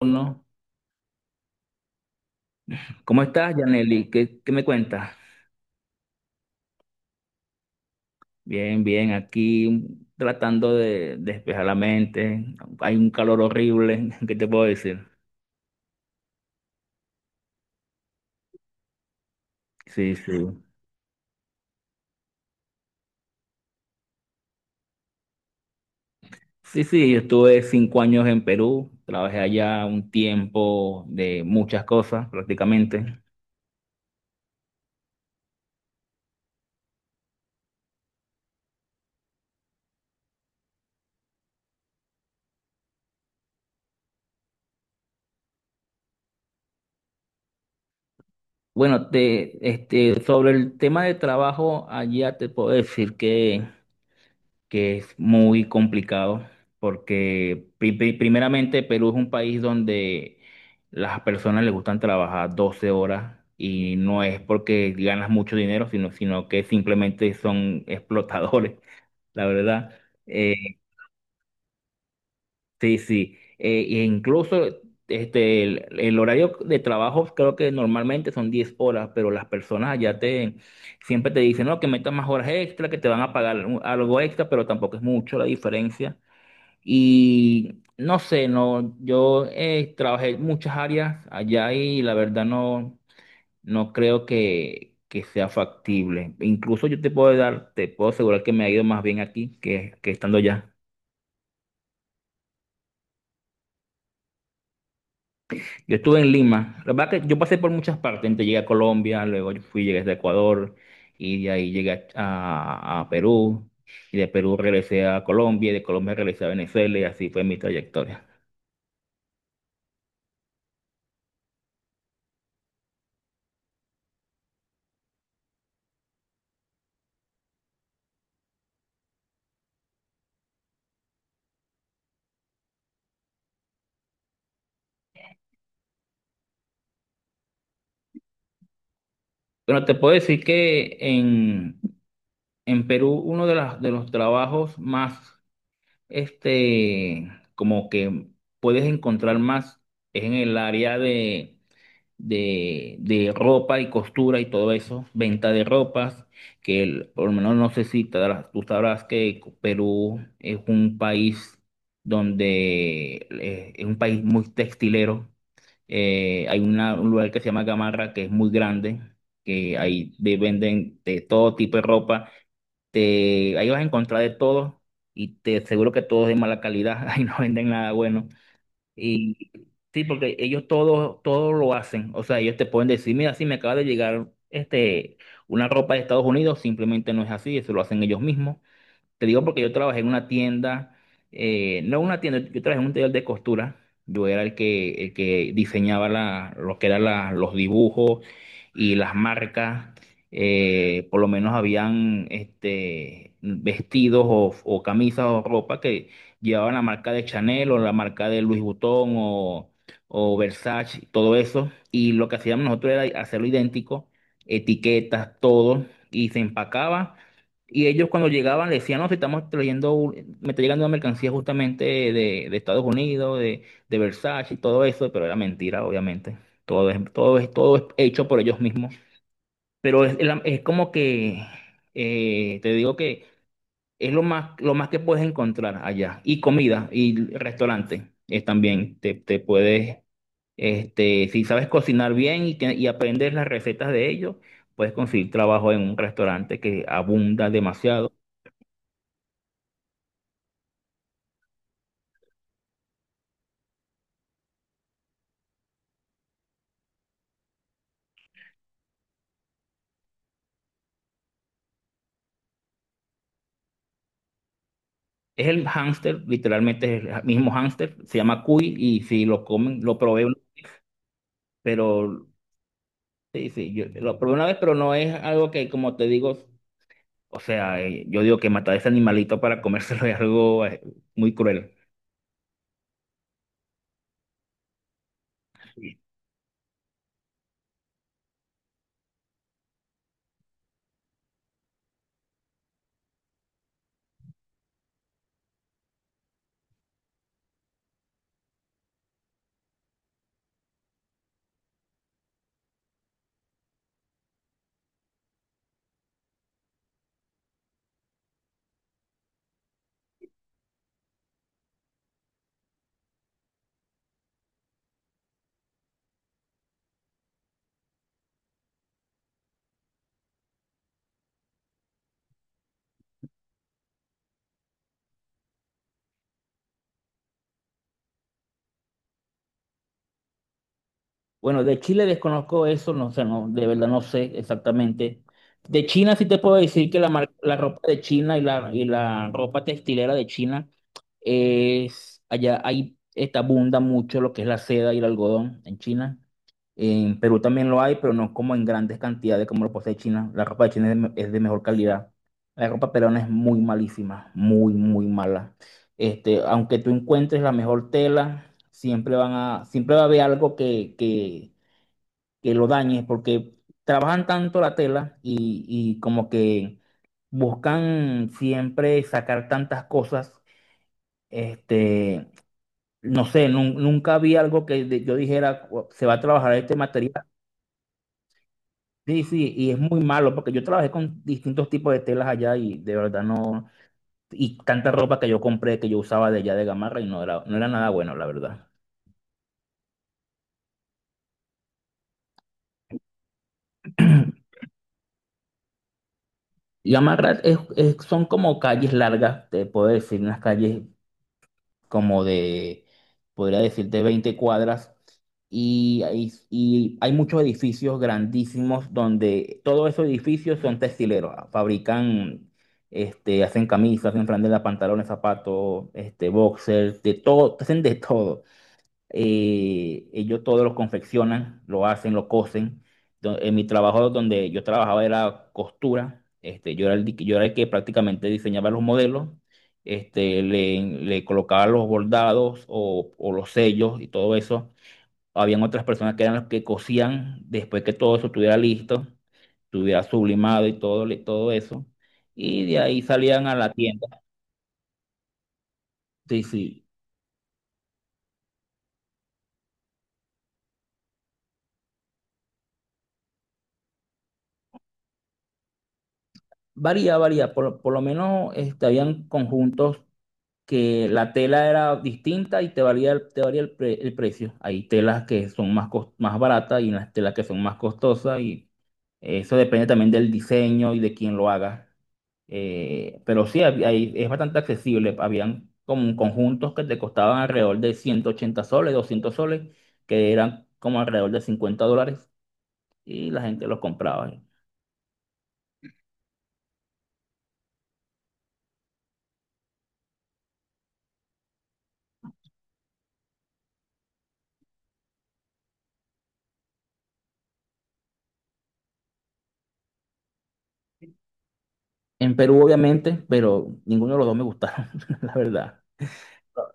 Uno. ¿Cómo estás, Yaneli? ¿Qué me cuentas? Bien, bien, aquí tratando de despejar la mente. Hay un calor horrible, ¿qué te puedo decir? Sí, sí. Sí, sí, yo estuve 5 años en Perú, trabajé allá un tiempo de muchas cosas prácticamente. Bueno, te, este, sobre el tema de trabajo, allá te puedo decir que es muy complicado porque primeramente Perú es un país donde las personas les gustan trabajar 12 horas y no es porque ganas mucho dinero, sino que simplemente son explotadores, la verdad. Eh, sí, sí. E incluso este, el horario de trabajo creo que normalmente son 10 horas, pero las personas allá te siempre te dicen, no, que metas más horas extra, que te van a pagar algo extra, pero tampoco es mucho la diferencia. Y no sé, no, yo trabajé en muchas áreas allá y la verdad no, no creo que sea factible. Incluso yo te puedo dar, te puedo asegurar que me ha ido más bien aquí que estando allá. Yo estuve en Lima. La verdad que yo pasé por muchas partes. Entonces llegué a Colombia, luego yo fui, llegué a Ecuador y de ahí llegué a Perú. Y de Perú regresé a Colombia y de Colombia regresé a Venezuela y así fue mi trayectoria. Bueno, te puedo decir que en Perú, uno de, de los trabajos más, este, como que puedes encontrar más es en el área de ropa y costura y todo eso, venta de ropas, que por lo menos no sé si tú sabrás que Perú es un país donde es un país muy textilero. Hay un lugar que se llama Gamarra, que es muy grande, que ahí venden de todo tipo de ropa. Te, ahí vas a encontrar de todo y te aseguro que todo es de mala calidad. Ahí no venden nada bueno. Y sí, porque ellos todo, todo lo hacen. O sea, ellos te pueden decir, mira, sí me acaba de llegar este, una ropa de Estados Unidos, simplemente no es así, eso lo hacen ellos mismos. Te digo porque yo trabajé en una tienda, no una tienda, yo trabajé en un taller de costura. Yo era el que diseñaba la, lo que eran los dibujos y las marcas. Por lo menos habían este, vestidos o camisas o ropa que llevaban la marca de Chanel o la marca de Louis Vuitton o Versace, todo eso. Y lo que hacíamos nosotros era hacerlo idéntico, etiquetas, todo, y se empacaba. Y ellos cuando llegaban le decían, no, si estamos trayendo, me está llegando una mercancía justamente de Estados Unidos, de Versace y todo eso, pero era mentira, obviamente. Todo es hecho por ellos mismos. Pero es, es como que, te digo que es lo más que puedes encontrar allá. Y comida y restaurantes también. Te puedes, este, si sabes cocinar bien y y aprendes las recetas de ellos, puedes conseguir trabajo en un restaurante que abunda demasiado. Es el hámster, literalmente es el mismo hámster, se llama cuy y si lo comen, lo probé, pero sí, sí, yo lo probé una vez, pero no es algo que, como te digo, o sea, yo digo que matar a ese animalito para comérselo es algo muy cruel. Bueno, de Chile desconozco eso, no sé, no, de verdad no sé exactamente. De China sí te puedo decir que la, la ropa de China y la ropa textilera de China es, allá hay, está abunda mucho lo que es la seda y el algodón en China. En Perú también lo hay, pero no como en grandes cantidades como lo posee China. La ropa de China es de, es de mejor calidad. La ropa peruana es muy malísima, muy, muy mala. Este, aunque tú encuentres la mejor tela, siempre van a, siempre va a haber algo que lo dañe, porque trabajan tanto la tela y como que buscan siempre sacar tantas cosas. Este, no sé, nunca vi algo que yo dijera, "Cu- se va a trabajar este material". Sí, sí, y es muy malo porque yo trabajé con distintos tipos de telas allá y de verdad no, y tanta ropa que yo compré que yo usaba de allá de Gamarra y no era, no era nada bueno, la verdad. Yamarat es, son como calles largas, te puedo decir, unas calles como de, podría decirte, 20 cuadras. Y hay muchos edificios grandísimos donde todos esos edificios son textileros. Fabrican, este, hacen camisas, hacen franelas, pantalones, zapatos, este, boxers, de todo, hacen de todo ellos todo lo confeccionan, lo hacen, lo cosen. En mi trabajo donde yo trabajaba era costura, este, yo era el, yo era el que prácticamente diseñaba los modelos, este, le colocaba los bordados o los sellos y todo eso. Habían otras personas que eran las que cosían después que todo eso estuviera listo, estuviera sublimado y todo, todo eso. Y de ahí salían a la tienda. Sí, sí. Varía, varía. Por lo menos este, habían conjuntos que la tela era distinta y te valía, te varía el, el precio. Hay telas que son más, más baratas y las telas que son más costosas y eso depende también del diseño y de quién lo haga. Pero sí, es bastante accesible. Habían como conjuntos que te costaban alrededor de 180 soles, 200 soles, que eran como alrededor de 50 dólares y la gente los compraba. En Perú, obviamente, pero ninguno de los dos me gustaron, la verdad.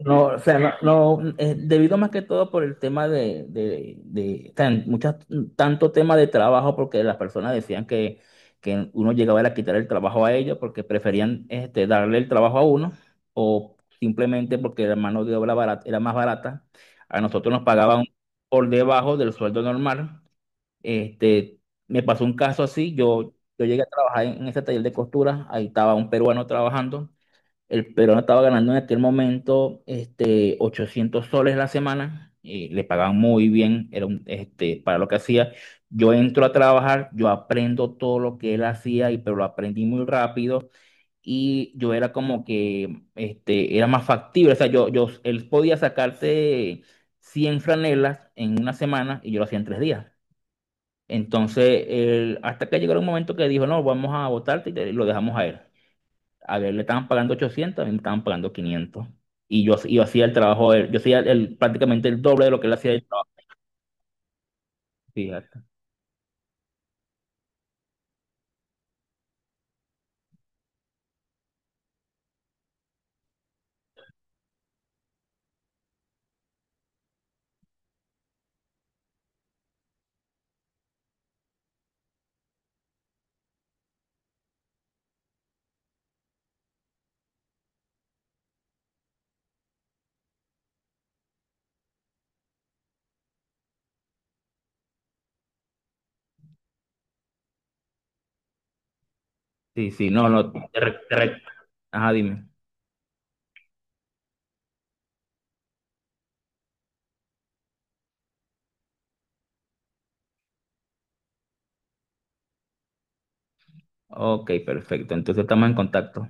No, o sea, no, no, debido más que todo por el tema de, muchas, tanto tema de trabajo, porque las personas decían que uno llegaba a quitar el trabajo a ellos porque preferían este, darle el trabajo a uno o simplemente porque la mano de obra barata, era más barata. A nosotros nos pagaban por debajo del sueldo normal. Este, me pasó un caso así, yo llegué a trabajar en ese taller de costura, ahí estaba un peruano trabajando. El peruano estaba ganando en aquel momento este, 800 soles la semana, y le pagaban muy bien, era un, este, para lo que hacía. Yo entro a trabajar, yo aprendo todo lo que él hacía, y, pero lo aprendí muy rápido y yo era como que este, era más factible. O sea, él podía sacarte 100 franelas en una semana y yo lo hacía en 3 días. Entonces, hasta que llegó un momento que dijo, no, vamos a votarte y lo dejamos a él. A ver, le estaban pagando 800, a mí me estaban pagando 500. Y yo hacía el trabajo de él, yo hacía el, prácticamente el doble de lo que él hacía el trabajo. Fíjate. Sí, sí, no, no. Ajá, dime. Ok, perfecto. Entonces estamos en contacto.